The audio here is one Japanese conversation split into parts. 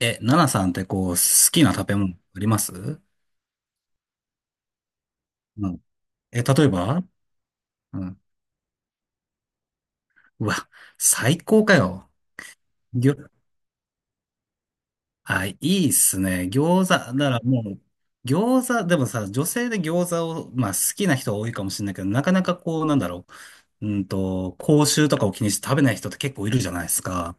え、ナナさんってこう、好きな食べ物ありますう？ん。え、例えば？うん。うわ、最高かよ。ぎょ、あ、いいっすね。餃子、ならもう、餃子、でもさ、女性で餃子を、まあ好きな人多いかもしれないけど、なかなかこう、なんだろう。口臭とかを気にして食べない人って結構いるじゃないですか。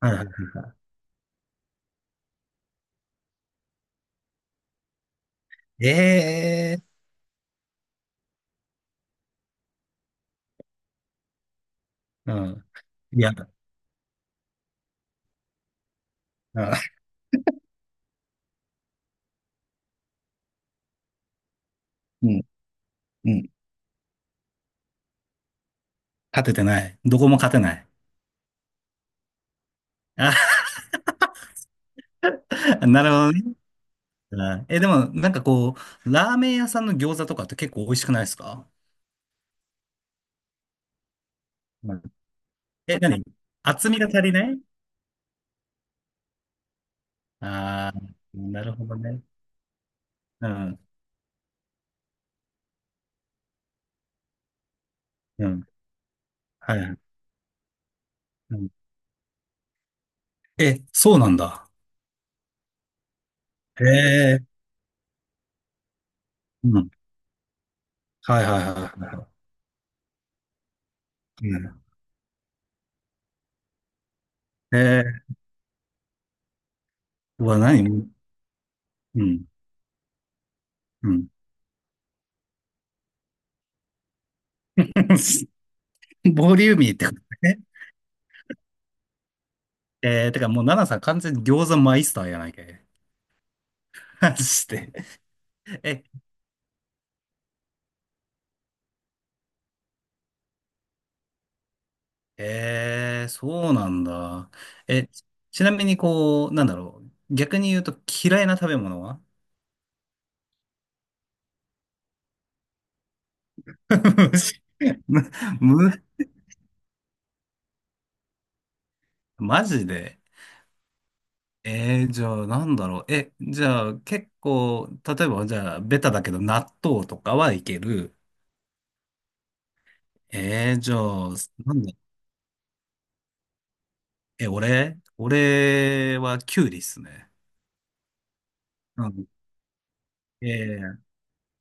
はいはい。ええー、うん。いや、うん、うん。うん、勝ててない。どこも勝てない。あ、なるほどね。はい。え、でも、なんかこう、ラーメン屋さんの餃子とかって結構美味しくないですか？うん。え、何？厚みが足りない。ああー、なるほどね。うん、うん、はい。うん。え、そうなんだ。へえ、うん。はいはいはいはいはい。うん。えうわ、何？うん、うん。ボリューミーってことね。てかもう、ナナさん完全に餃子マイスターやないかい。マジで。え、ええ、そうなんだ。え、ちなみにこう、なんだろう。逆に言うと嫌いな食べ物は？ 虫、む、む、マジで。じゃあなんだろう。え、じゃあ結構、例えばじゃあベタだけど納豆とかはいける。じゃあ、なんだ、え、俺はキュウリっすね。うん。えー、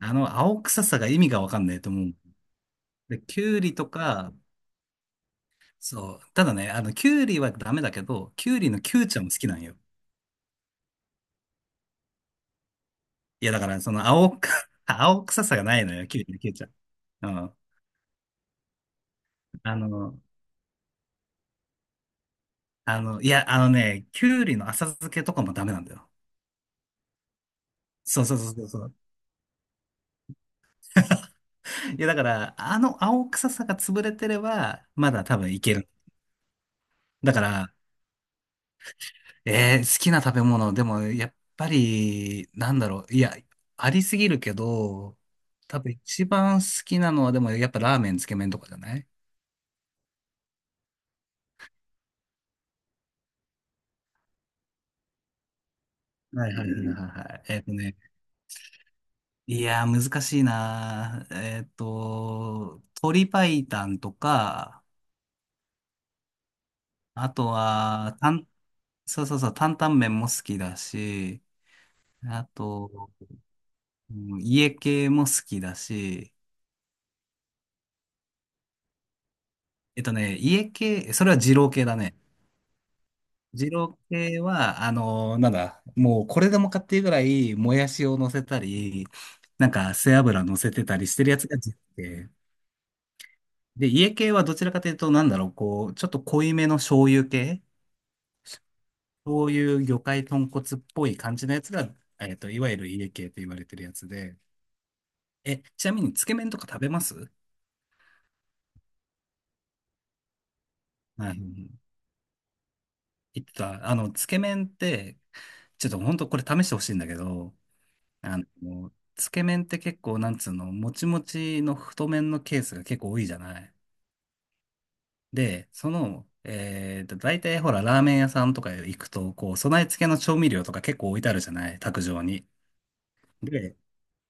あの、青臭さが意味がわかんないと思う。で、キュウリとか、そう。ただね、あの、キュウリはダメだけど、キュウリのキュウちゃんも好きなんよ。いや、だから、その、青く、青臭さがないのよ、キュウリのキュウちゃん。うん。あの、いや、あのね、キュウリの浅漬けとかもダメなんだよ。そうそうそうそうそう。いや、だから、あの青臭さが潰れてれば、まだ多分いける。だから、好きな食べ物、でも、やっぱり、なんだろう。いや、ありすぎるけど、多分一番好きなのは、でも、やっぱラーメン、つけ麺とかじゃない？はいはいはいはいはい。いやー難しいなー。鶏白湯とか、あとは、そうそうそう、担々麺も好きだし、あと、うん、家系も好きだし、家系、それは二郎系だね。二郎系は、あのーなんだ、もうこれでもかっていうぐらい、もやしを乗せたり、なんか背脂乗せてたりしてるやつが二郎系。で、家系はどちらかというと、なんだろう、こう、ちょっと濃いめの醤油系、そういう魚介豚骨っぽい感じのやつが、いわゆる家系と言われてるやつで、え、ちなみに、つけ麺とか食べます？はい、言ってた、あの、つけ麺って、ちょっと本当これ試してほしいんだけど、あの、つけ麺って結構、なんつうの、もちもちの太麺のケースが結構多いじゃない。で、その、大体ほら、ラーメン屋さんとか行くと、こう、備え付けの調味料とか結構置いてあるじゃない、卓上に。で、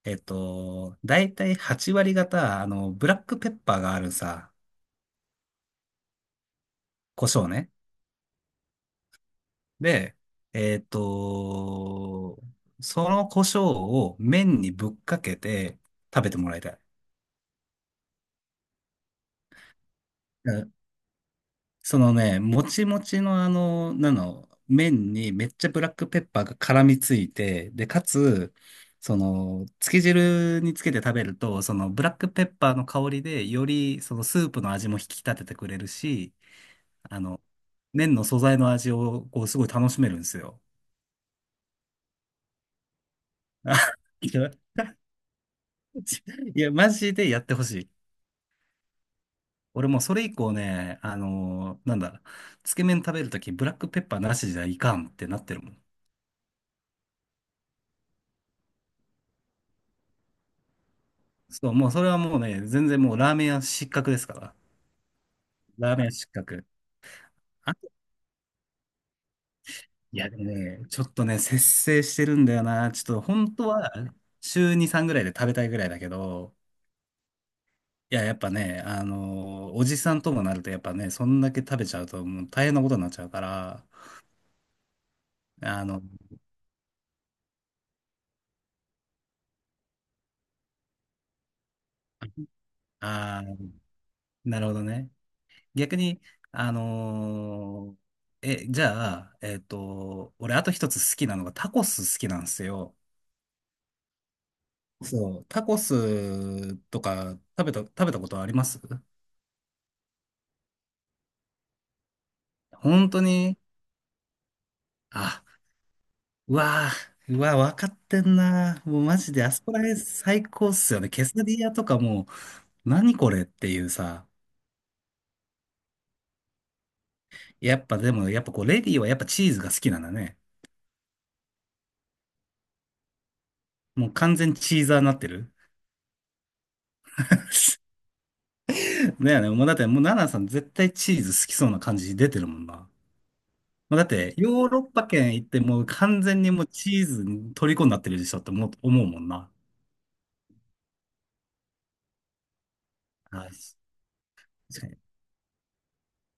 だいたい8割方、あの、ブラックペッパーがあるさ、胡椒ね。で、えっと、その胡椒を麺にぶっかけて食べてもらいたい。うん、そのね、もちもちのあの、なの、麺にめっちゃブラックペッパーが絡みついて、で、かつ、その、つけ汁につけて食べると、そのブラックペッパーの香りで、よりそのスープの味も引き立ててくれるし、あの、麺の素材の味を、こう、すごい楽しめるんですよ。あ、いや、いやマジでやってほしい。俺もうそれ以降ね、あのーなんだ、つけ麺食べるとき、ブラックペッパーなしじゃいかんってなってるもん。そう、もうそれはもうね、全然もうラーメン屋失格ですから。ラーメン屋失格。あと、いやでもね、ちょっとね、節制してるんだよな。ちょっと本当は週2、3ぐらいで食べたいぐらいだけど、いや、やっぱね、あの、おじさんともなると、やっぱね、そんだけ食べちゃうと、もう大変なことになっちゃうから、あの、ああ、なるほどね。逆に、あのーえ、じゃあ、俺、あと一つ好きなのが、タコス好きなんですよ。そう、タコスとか食べたことあります？本当に、あ、うわうわー、わかってんな。もうマジで、あそこら辺最高っすよね。ケサディアとかもう、何これっていうさ。やっぱでも、やっぱこう、レディーはやっぱチーズが好きなんだね。もう完全チーザーになってる。だよね。もうだって、もうナナさん絶対チーズ好きそうな感じ出てるもんな。もうだって、ヨーロッパ圏行ってもう完全にもうチーズに虜になってるでしょって思うもんな。あ、確かに。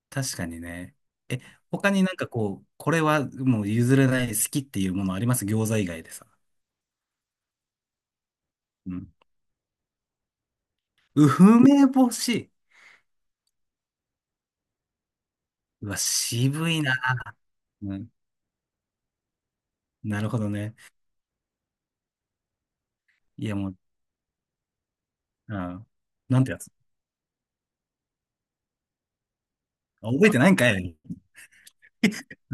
確かにね。え、他になんかこう、これはもう譲れない好きっていうものあります？餃子以外でさ。うん。うふ、めぼし。うわ、渋いな。うん。なるほどね。いやもう、うん。なんてやつ？あ、覚えてないんかい。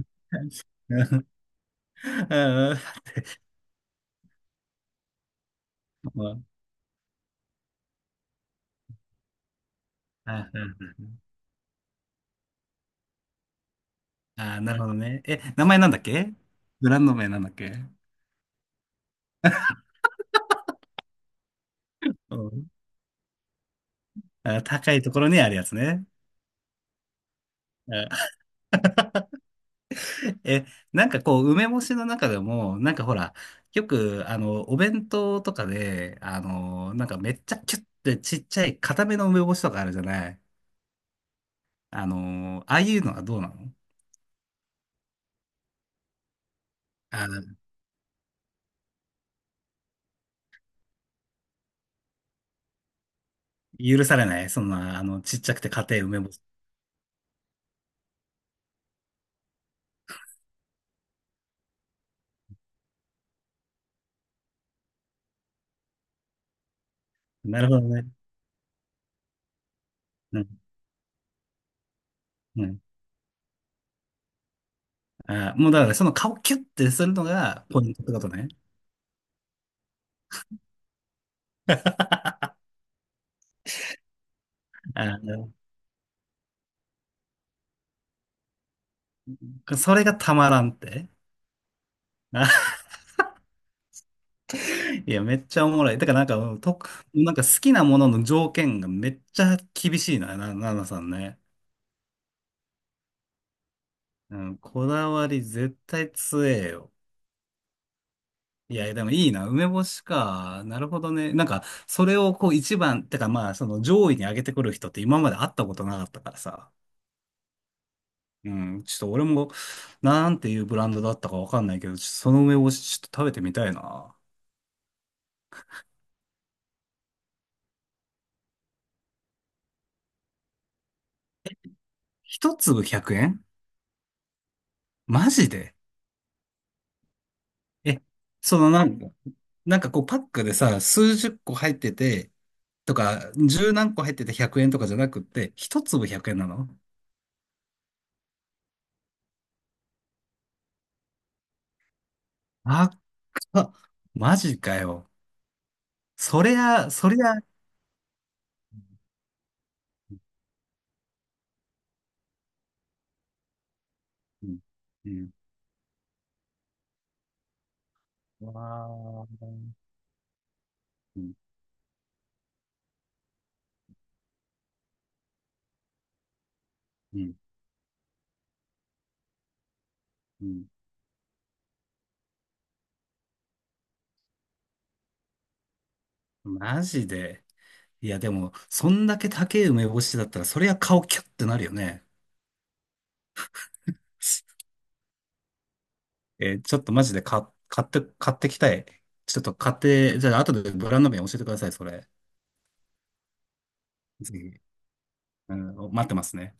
うんうんうん、うん、ああ、なるほどね。え、名前なんだっけ？ブランド名なんだっけ？うん。あ、高いところにあるやつね。あ、 え、なんかこう、梅干しの中でも、なんかほら、よく、あの、お弁当とかで、あの、なんかめっちゃキュッてちっちゃい固めの梅干しとかあるじゃない。あの、ああいうのはどうなの？あ、許されない。そんな、あの、ちっちゃくて硬い梅干し。なるほどね。うん、うん、あー、もうだからその顔キュッてするのがポイントってことね。あー、それがたまらんって。あ、いや、めっちゃおもろい。だからなんか、なんか好きなものの条件がめっちゃ厳しいな、な、ななさんね。うん、こだわり絶対強えよ。いや、でもいいな。梅干しか。なるほどね。なんか、それをこう一番、てかまあ、その上位に上げてくる人って今まで会ったことなかったからさ。うん、ちょっと俺も、なんていうブランドだったかわかんないけど、ちょっとその梅干しちょっと食べてみたいな。一粒100円？マジで？え、そのなんか、なんかこうパックでさ、数十個入ってて、とか、十何個入ってて100円とかじゃなくって、一粒100円なの？あっか、マジかよ。そりゃ、そりゃ、うん、うん。わー、うん、うん、うん、マジで。いや、でも、そんだけ高い梅干しだったら、そりゃ顔キュッてなるよね。ちょっとマジで買ってきたい。ちょっと買って、じゃあ後でブランド名教えてください、それ。ぜひ。うん、待ってますね。